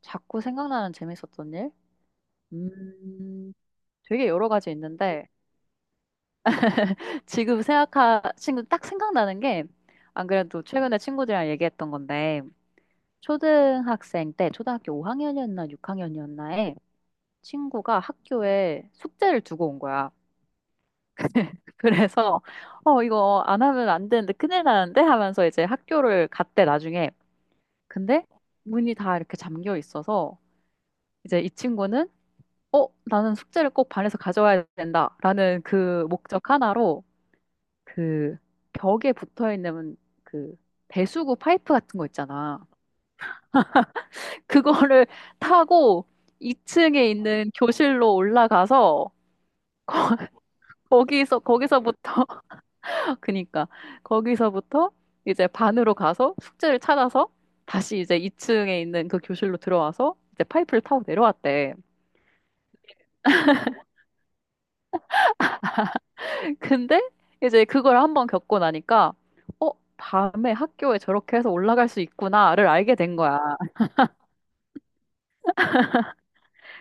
자꾸 생각나는 재밌었던 일? 음. 되게 여러 가지 있는데, 지금 딱 생각나는 게, 안 그래도 최근에 친구들이랑 얘기했던 건데, 초등학생 때, 초등학교 5학년이었나 6학년이었나에 친구가 학교에 숙제를 두고 온 거야. 그래서, 이거 안 하면 안 되는데 큰일 나는데? 하면서 이제 학교를 갔대, 나중에. 근데 문이 다 이렇게 잠겨 있어서, 이제 이 친구는 나는 숙제를 꼭 반에서 가져와야 된다 라는 그 목적 하나로 그 벽에 붙어 있는 그 배수구 파이프 같은 거 있잖아. 그거를 타고 2층에 있는 교실로 올라가서 거기서부터, 그니까, 거기서부터 이제 반으로 가서 숙제를 찾아서 다시 이제 2층에 있는 그 교실로 들어와서 이제 파이프를 타고 내려왔대. 근데 이제 그걸 한번 겪고 나니까 어, 밤에 학교에 저렇게 해서 올라갈 수 있구나를 알게 된 거야.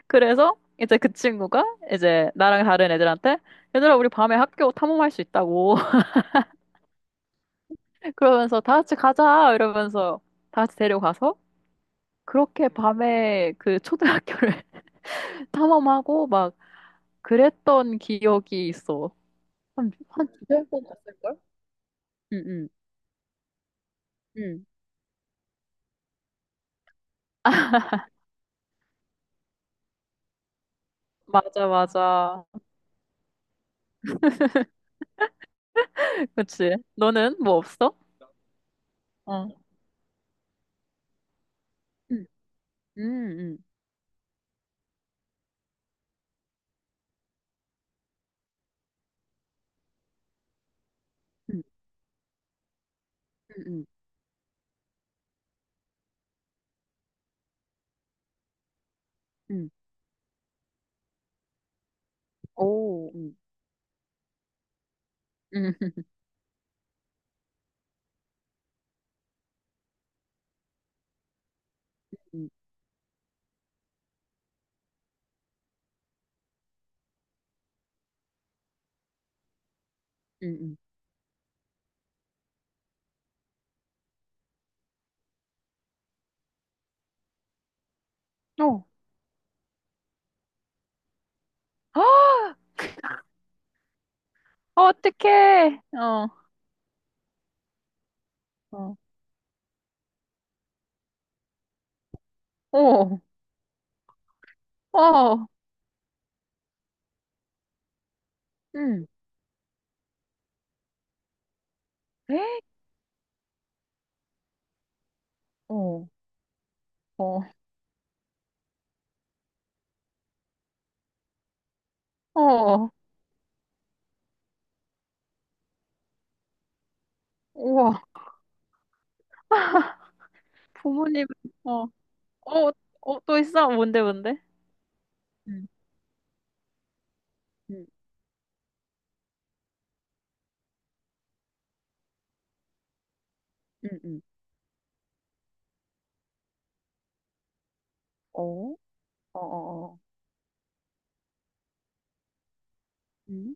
그래서 이제 그 친구가 이제 나랑 다른 애들한테 얘들아 우리 밤에 학교 탐험할 수 있다고 그러면서 다 같이 가자 이러면서 다 같이 데려가서 그렇게 밤에 그 초등학교를 탐험하고 막 그랬던 기억이 있어. 한 두세 번 갔을걸? 응, 응, 응. 맞아, 맞아. 그치. 너는 뭐 없어? 어. 음, 음, 음, 음, 음, 음. 오, 음, 음, 음, 어, 아, 어떡해. 어, 어, 오, 어, 음, 에? 어, 어, 어, 우와, 부모님, 어, 어, 어, 또 있어? 뭔데, 뭔데? 음, 음, 음, 음, 어, 어, 어, 어, 음,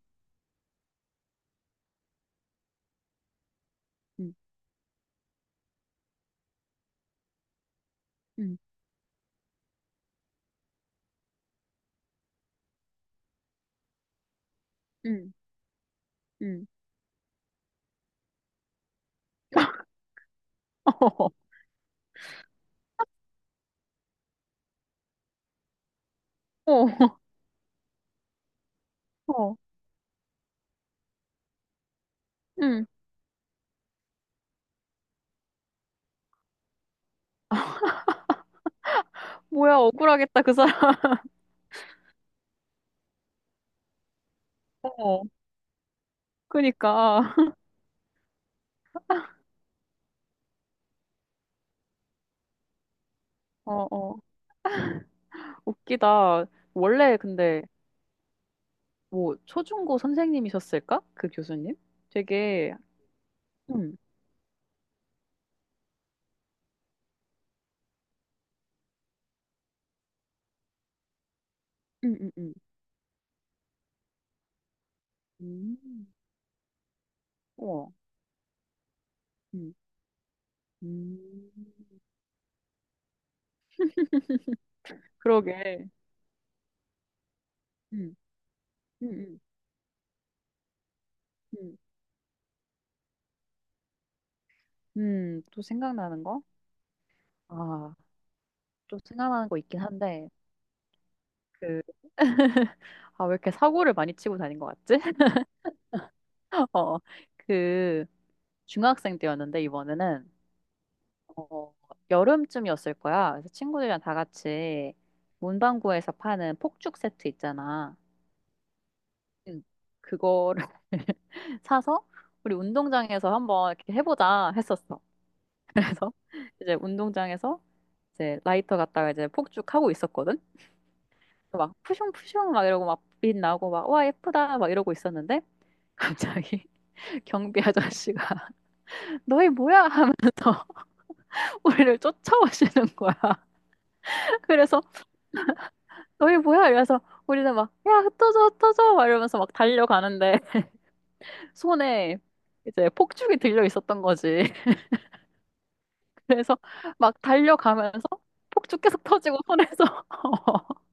음, 음, 음, 음. 어, 어, 어, 음, 뭐야, 억울하겠다, 그 사람. 어, 그니까, 어, 어. 웃기다. 원래 근데 뭐 초중고 선생님이셨을까? 그 교수님? 되게 음, 음, 음, 음. 음. 우와. 음. 음. 그러게. 음. 음. 음. 음. 음. 또 생각나는 거? 아, 또 생각나는 거 있긴 한데 그 아, 왜 이렇게 사고를 많이 치고 다닌 것 같지? 어. 그 중학생 때였는데 이번에는 어, 여름쯤이었을 거야. 그래서 친구들이랑 다 같이 문방구에서 파는 폭죽 세트 있잖아. 응. 그거를 사서 우리 운동장에서 한번 이렇게 해보자 했었어. 그래서 이제 운동장에서 이제 라이터 갖다가 이제 폭죽 하고 있었거든. 막 푸슝푸슝 막 이러고 막 빛 나고 막 와 예쁘다 막 이러고 있었는데 갑자기 경비 아저씨가 너희 뭐야 하면서 우리를 쫓아오시는 거야. 그래서 너희 뭐야? 이래서 우리는 막, 야, 흩어져, 흩어져! 막 이러면서 막 달려가는데, 손에 이제 폭죽이 들려 있었던 거지. 그래서 막 달려가면서 폭죽 계속 터지고 손에서.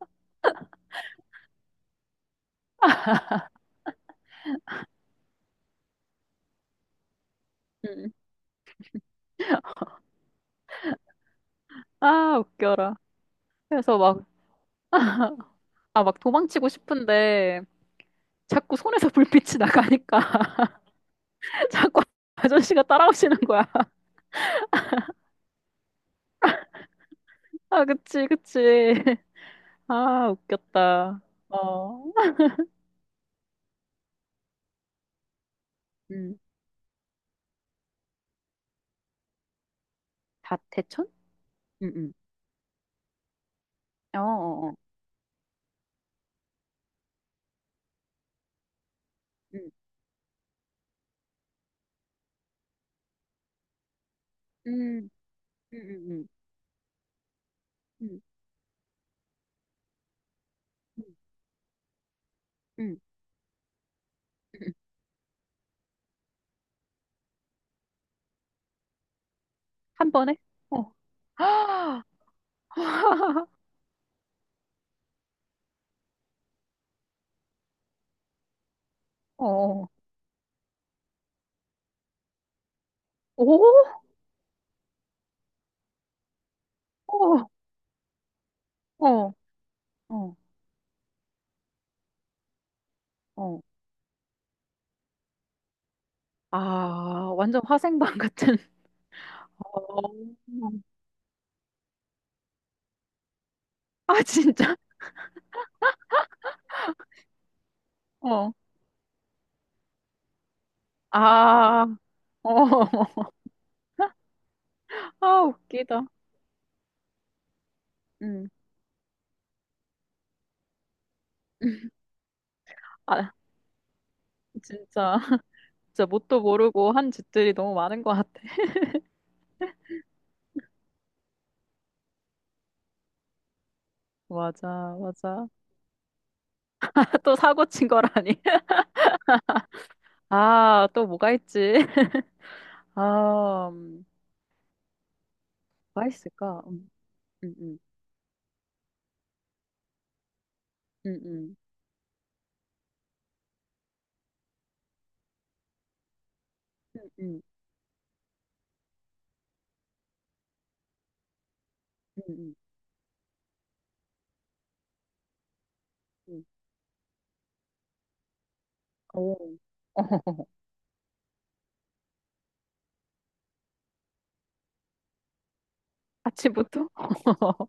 음. 아, 웃겨라. 그래서 막, 아, 막 도망치고 싶은데, 자꾸 손에서 불빛이 나가니까, 자꾸 아저씨가 따라오시는 거야. 아, 그치, 그치. 아, 웃겼다. 어. 음. 대천? 응, 응. 어, 어, 어. 음. 음. 응, 응, 응, 응, 응, 응. 응. 한 번에? 어. 아, 어, 오, 어, 어, 어, 어. 아, 완전 화생방 같은. 어. 아, 진짜? 어. 아, 어. 아, 웃기다. 응. 아, 진짜. 진짜 뭣도 모르고 한 짓들이 너무 많은 것 같아. 맞아, 맞아. 또 사고 친 거라니. 아, 또 뭐가 있지? 아, 뭐가 있을까? 응응 응응 응응 응응 오 아침부터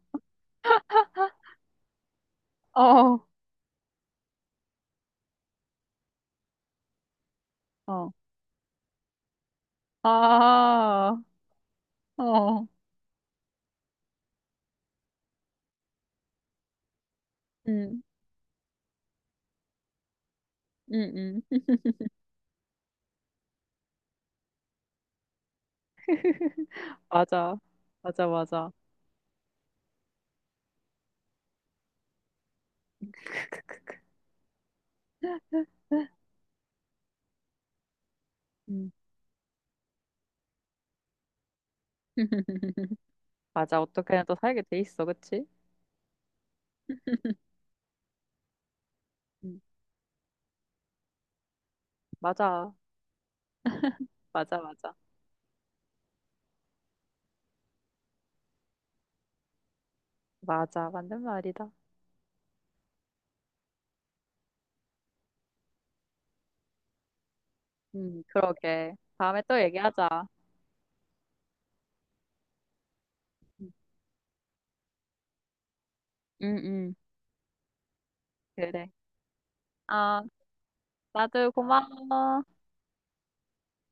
어어아어응응응 맞아 맞아 맞아 크크크크 음. 맞아 어떻게든 또 살게 돼 있어 그치? 음. 맞아 맞아 맞아 맞아 맞는 말이다 그러게 다음에 또 얘기하자 응응 그래 아 나도 고마워